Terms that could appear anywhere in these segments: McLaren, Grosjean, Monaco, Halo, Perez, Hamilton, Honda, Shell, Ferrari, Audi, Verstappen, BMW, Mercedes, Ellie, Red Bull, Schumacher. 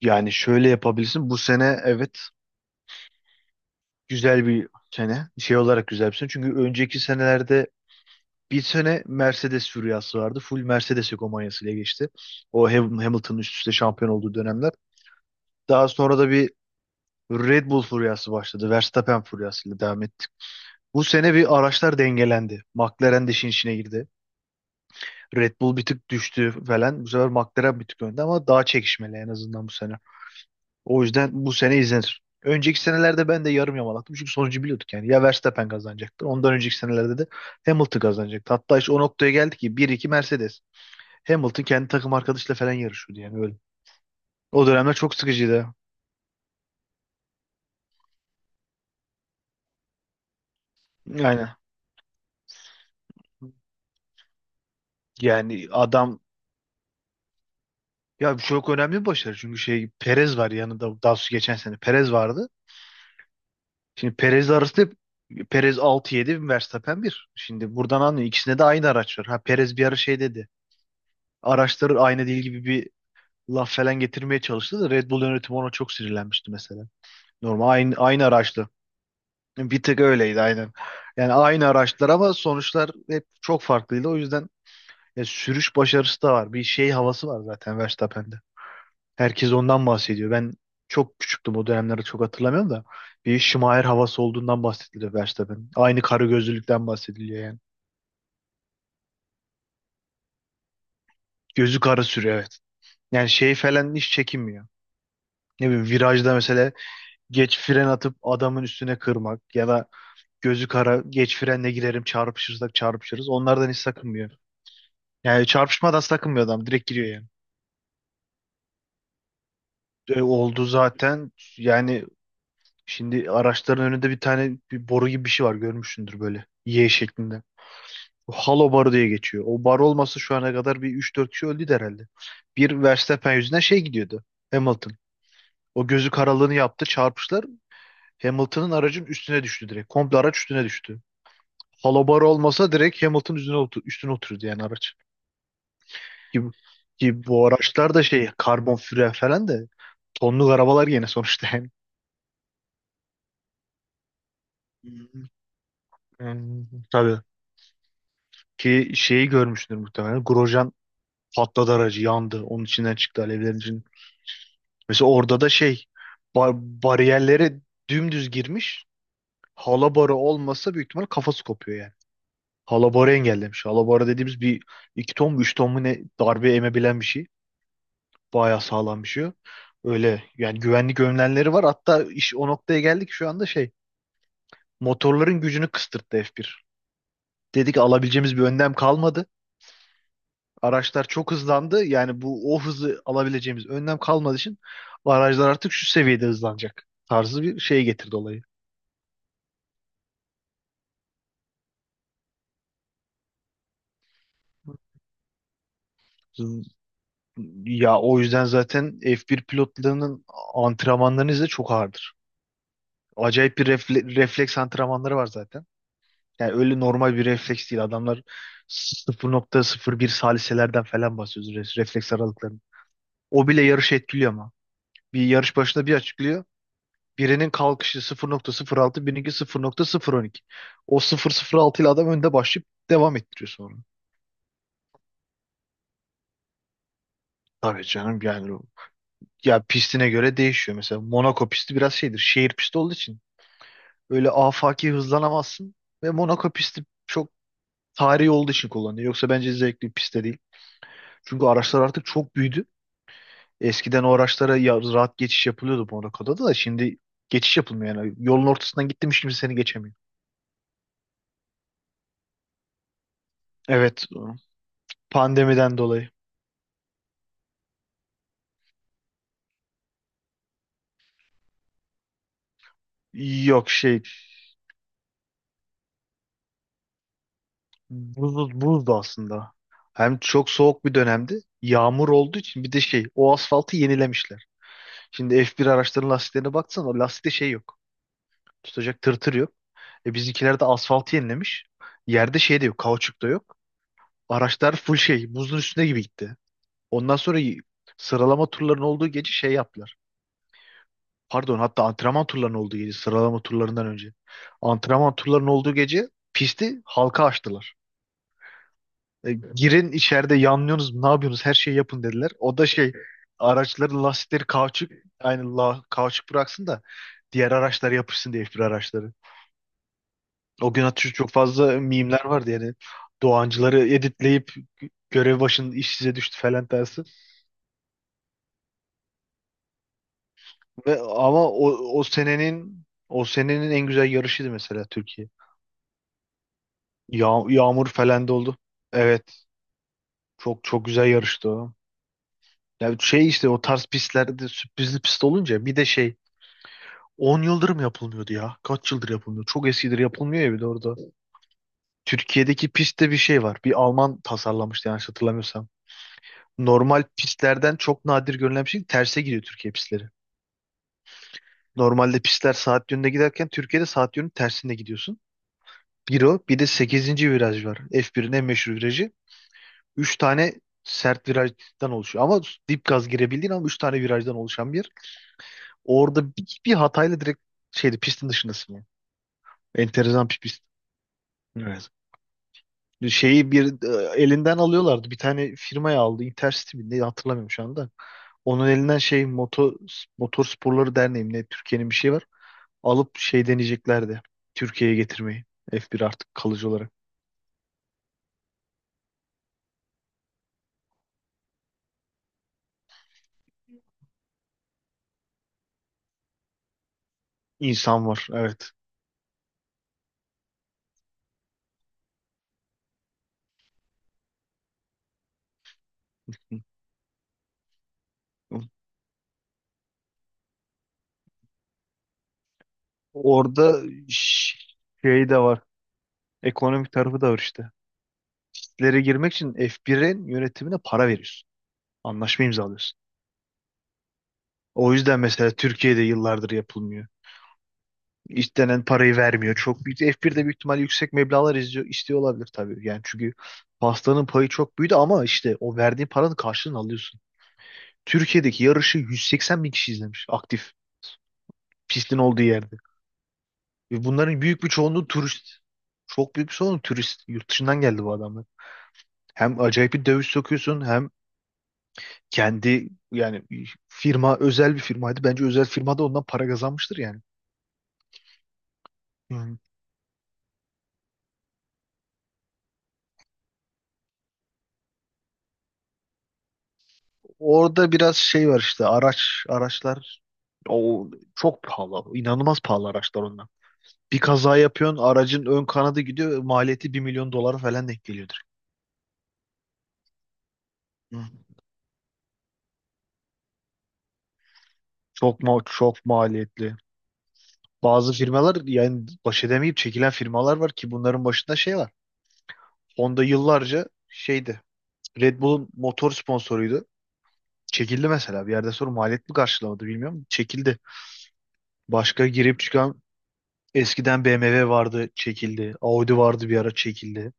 Yani şöyle yapabilirsin. Bu sene, evet, güzel bir sene. Şey olarak güzel bir sene. Çünkü önceki senelerde bir sene Mercedes furyası vardı. Full Mercedes hegemonyasıyla geçti. O Hamilton'ın üst üste şampiyon olduğu dönemler. Daha sonra da bir Red Bull furyası başladı. Verstappen furyasıyla devam ettik. Bu sene bir araçlar dengelendi. McLaren de işin içine girdi. Red Bull bir tık düştü falan. Bu sefer McLaren bir tık önde ama daha çekişmeli en azından bu sene. O yüzden bu sene izlenir. Önceki senelerde ben de yarım yamalaktım. Çünkü sonucu biliyorduk yani. Ya Verstappen kazanacaktı. Ondan önceki senelerde de Hamilton kazanacaktı. Hatta işte o noktaya geldi ki bir iki Mercedes. Hamilton kendi takım arkadaşıyla falan yarışıyordu yani öyle. O dönemler çok sıkıcıydı. Aynen. Yani adam, ya bu çok önemli bir başarı. Çünkü şey, Perez var yanında. Daha sonra geçen sene Perez vardı. Şimdi Perez arasında Perez 6, yedi, Verstappen bir. Şimdi buradan anlıyor. İkisinde de aynı araç var. Ha Perez bir ara şey dedi. Araçları aynı değil gibi bir laf falan getirmeye çalıştı da Red Bull yönetimi ona çok sinirlenmişti mesela. Normal aynı araçtı. Bir tık öyleydi, aynen. Yani aynı araçlar ama sonuçlar hep çok farklıydı. O yüzden ya, sürüş başarısı da var. Bir şey havası var zaten Verstappen'de. Herkes ondan bahsediyor. Ben çok küçüktüm, o dönemleri çok hatırlamıyorum da. Bir Schumacher havası olduğundan bahsediliyor Verstappen'in. Aynı karı gözlülükten bahsediliyor yani. Gözü kara sürüyor, evet. Yani şey falan hiç çekinmiyor. Ne bileyim, virajda mesela geç fren atıp adamın üstüne kırmak ya da gözü kara, geç frenle girerim, çarpışırsak çarpışırız. Onlardan hiç sakınmıyor. Yani çarpışmadan sakınmıyor adam, direkt giriyor yani. Oldu zaten. Yani şimdi araçların önünde bir tane bir boru gibi bir şey var, görmüşsündür böyle. Y şeklinde. O Halo barı diye geçiyor. O bar olmasa şu ana kadar bir üç dört kişi öldü herhalde. Bir Verstappen yüzünden şey gidiyordu. Hamilton. O gözü karalığını yaptı, çarpışlar. Hamilton'ın aracın üstüne düştü direkt. Komple araç üstüne düştü. Halo barı olmasa direkt Hamilton üstüne, otur üstüne otururdu yani araç. Ki, ki bu araçlar da şey, karbon füre falan da tonluk arabalar gene sonuçta yani. Tabii ki şeyi görmüştür muhtemelen. Grosjean patladı, aracı yandı. Onun içinden çıktı alevlerin için. Mesela orada da şey, bar bariyerlere dümdüz girmiş. Halabarı olmasa büyük ihtimal kafası kopuyor yani. Halabarı engellemiş. Halabarı dediğimiz bir 2 ton mu 3 ton mu ne darbe emebilen bir şey. Bayağı sağlam bir şey o. Öyle yani, güvenlik önlemleri var. Hatta iş o noktaya geldik, şu anda şey, motorların gücünü kıstırttı F1. Dedi ki alabileceğimiz bir önlem kalmadı. Araçlar çok hızlandı. Yani bu o hızı alabileceğimiz önlem kalmadığı için araçlar artık şu seviyede hızlanacak tarzı bir şey getirdi olayı. Hız- Ya o yüzden zaten F1 pilotlarının antrenmanlarını izle, çok ağırdır. Acayip bir refleks antrenmanları var zaten. Yani öyle normal bir refleks değil. Adamlar sıfır sıfır nokta sıfır bir saliselerden falan bahsediyoruz refleks aralıklarını. O bile yarışı etkiliyor ama. Bir yarış başında bir açıklıyor. Birinin kalkışı 0,06, birininki 0,012. O 0,06 ile adam önde başlayıp devam ettiriyor sonra. Tabii canım, yani ya pistine göre değişiyor. Mesela Monaco pisti biraz şeydir. Şehir pisti olduğu için öyle afaki hızlanamazsın ve Monaco pisti çok tarihi olduğu için kullanılıyor. Yoksa bence zevkli bir pist de değil. Çünkü araçlar artık çok büyüdü. Eskiden o araçlara ya, rahat geçiş yapılıyordu Monaco'da, da şimdi geçiş yapılmıyor yani. Yolun ortasından gittim, hiç kimse seni geçemiyor. Evet, pandemiden dolayı. Yok şey, buzdu aslında. Hem çok soğuk bir dönemdi. Yağmur olduğu için bir de şey, o asfaltı yenilemişler. Şimdi F1 araçların lastiklerine baksan o lastikte şey yok. Tutacak tırtır yok. E bizimkiler de asfaltı yenilemiş. Yerde şey de yok. Kauçuk da yok. Araçlar full şey, buzun üstüne gibi gitti. Ondan sonra sıralama turlarının olduğu gece şey yaptılar. Pardon, hatta antrenman turlarının olduğu gece, sıralama turlarından önce. Antrenman turlarının olduğu gece pisti halka açtılar. E, girin içeride yanlıyorsunuz ne yapıyorsunuz her şeyi yapın, dediler. O da şey, araçların lastikleri kauçuk aynı la, kauçuk bıraksın da diğer araçlar yapışsın diye F1 araçları. O gün atış çok fazla mimler vardı yani. Doğancıları editleyip görev başında iş size düştü falan tersi. Ve ama o senenin o senenin en güzel yarışıydı mesela Türkiye. Yağmur falan da oldu. Evet. Çok çok güzel yarıştı o. Ya şey işte, o tarz pistlerde sürprizli pist olunca bir de şey, 10 yıldır mı yapılmıyordu ya? Kaç yıldır yapılmıyor? Çok eskidir yapılmıyor ya bir de orada. Türkiye'deki pistte bir şey var. Bir Alman tasarlamıştı yanlış hatırlamıyorsam. Normal pistlerden çok nadir görülen bir şey. Terse gidiyor Türkiye pistleri. Normalde pistler saat yönünde giderken Türkiye'de saat yönü tersinde gidiyorsun. Bir o, bir de sekizinci viraj var. F1'in en meşhur virajı. 3 tane sert virajdan oluşuyor. Ama dip gaz girebildiğin ama 3 tane virajdan oluşan bir yer. Orada bir hatayla direkt şeydi, pistin dışındasın yani. Enteresan bir pist. Evet. Şeyi bir, elinden alıyorlardı. Bir tane firmaya aldı. Intercity mi ne, hatırlamıyorum şu anda. Onun elinden şey, motor sporları derneği mi ne, Türkiye'nin bir şey var. Alıp şey deneyeceklerdi. Türkiye'ye getirmeyi. F1 artık kalıcı olarak. İnsan var, evet. Orada ş- şey de var. Ekonomik tarafı da var işte. Listelere girmek için F1'in yönetimine para veriyorsun. Anlaşma imzalıyorsun. O yüzden mesela Türkiye'de yıllardır yapılmıyor. İstenen parayı vermiyor. Çok büyük. F1'de büyük ihtimal yüksek meblağlar izliyor, istiyor olabilir tabii. Yani çünkü pastanın payı çok büyüdü ama işte o verdiğin paranın karşılığını alıyorsun. Türkiye'deki yarışı 180 bin kişi izlemiş, aktif pistin olduğu yerde. Ve bunların büyük bir çoğunluğu turist. Çok büyük bir çoğunluğu turist. Yurt dışından geldi bu adamlar. Hem acayip bir döviz sokuyorsun, hem kendi yani firma, özel bir firmaydı. Bence özel firmada ondan para kazanmıştır yani. Hı. Orada biraz şey var işte, araçlar, o çok pahalı. İnanılmaz pahalı araçlar onlar. Bir kaza yapıyorsun, aracın ön kanadı gidiyor. Maliyeti 1 milyon dolara falan denk geliyordur. Hı. Çok çok maliyetli. Bazı firmalar yani baş edemeyip çekilen firmalar var ki bunların başında şey var. Honda yıllarca şeydi. Red Bull'un motor sponsoruydu. Çekildi mesela. Bir yerde sonra maliyet mi karşılamadı bilmiyorum. Çekildi. Başka girip çıkan, eskiden BMW vardı çekildi. Audi vardı bir ara çekildi.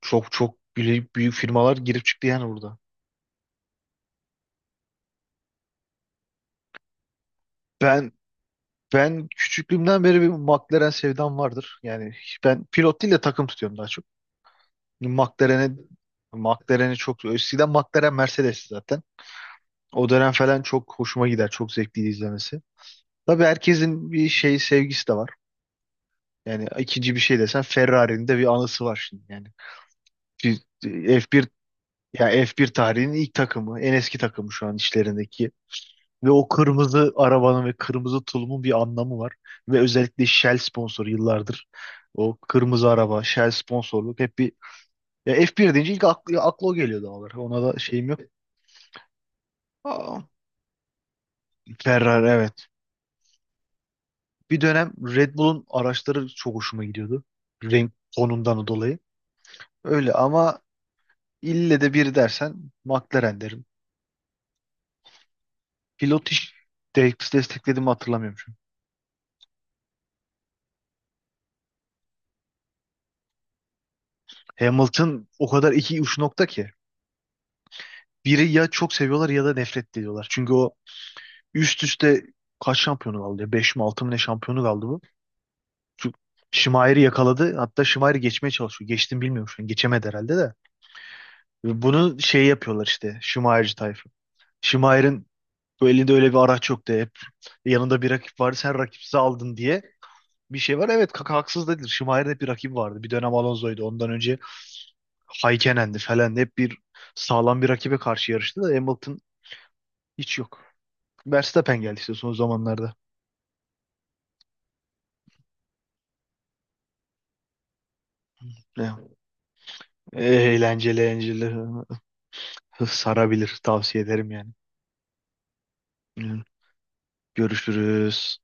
Çok çok büyük, büyük firmalar girip çıktı yani burada. Ben ben küçüklüğümden beri bir McLaren sevdam vardır. Yani ben pilot değil de takım tutuyorum daha çok. McLaren'e McLaren'i, çok eskiden McLaren Mercedes zaten. O dönem falan çok hoşuma gider. Çok zevkliydi izlemesi. Tabii herkesin bir şey sevgisi de var. Yani ikinci bir şey desen Ferrari'nin de bir anısı var şimdi yani. Bir- F1, ya F1 tarihinin ilk takımı, en eski takımı şu an işlerindeki. Ve o kırmızı arabanın ve kırmızı tulumun bir anlamı var. Ve özellikle Shell sponsoru yıllardır. O kırmızı araba, Shell sponsorluk hep bir... Ya F1 deyince ilk aklı o geliyor doğal olarak. Ona da şeyim yok. Aa, Ferrari, evet. Bir dönem Red Bull'un araçları çok hoşuma gidiyordu. Renk tonundan dolayı. Öyle ama ille de biri dersen McLaren derim. Pilot iş desteklediğimi hatırlamıyorum şu an. Hamilton o kadar iki uç nokta ki. Biri ya çok seviyorlar ya da nefret ediyorlar. Çünkü o üst üste kaç şampiyonu kaldı ya? Beş mi 6 mı ne şampiyonu kaldı bu? Şu Şimayer'i yakaladı. Hatta Şimayer'i geçmeye çalışıyor. Geçtim, bilmiyorum şu an. Geçemedi herhalde de. Ve bunu şey yapıyorlar işte. Şimayerci tayfa. Şimayer'in bu elinde öyle bir araç yoktu. Hep yanında bir rakip vardı. Sen rakipsiz aldın diye bir şey var. Evet, kaka haksız değildir. Şimayer'in hep bir rakibi vardı. Bir dönem Alonso'ydu. Ondan önce Haykenen'di falan. Hep bir sağlam bir rakibe karşı yarıştı da Hamilton hiç yok. Verstappen geldi işte son zamanlarda. Ne? Eğlenceli, eğlenceli. Sarabilir, tavsiye ederim yani. Hı. Görüşürüz.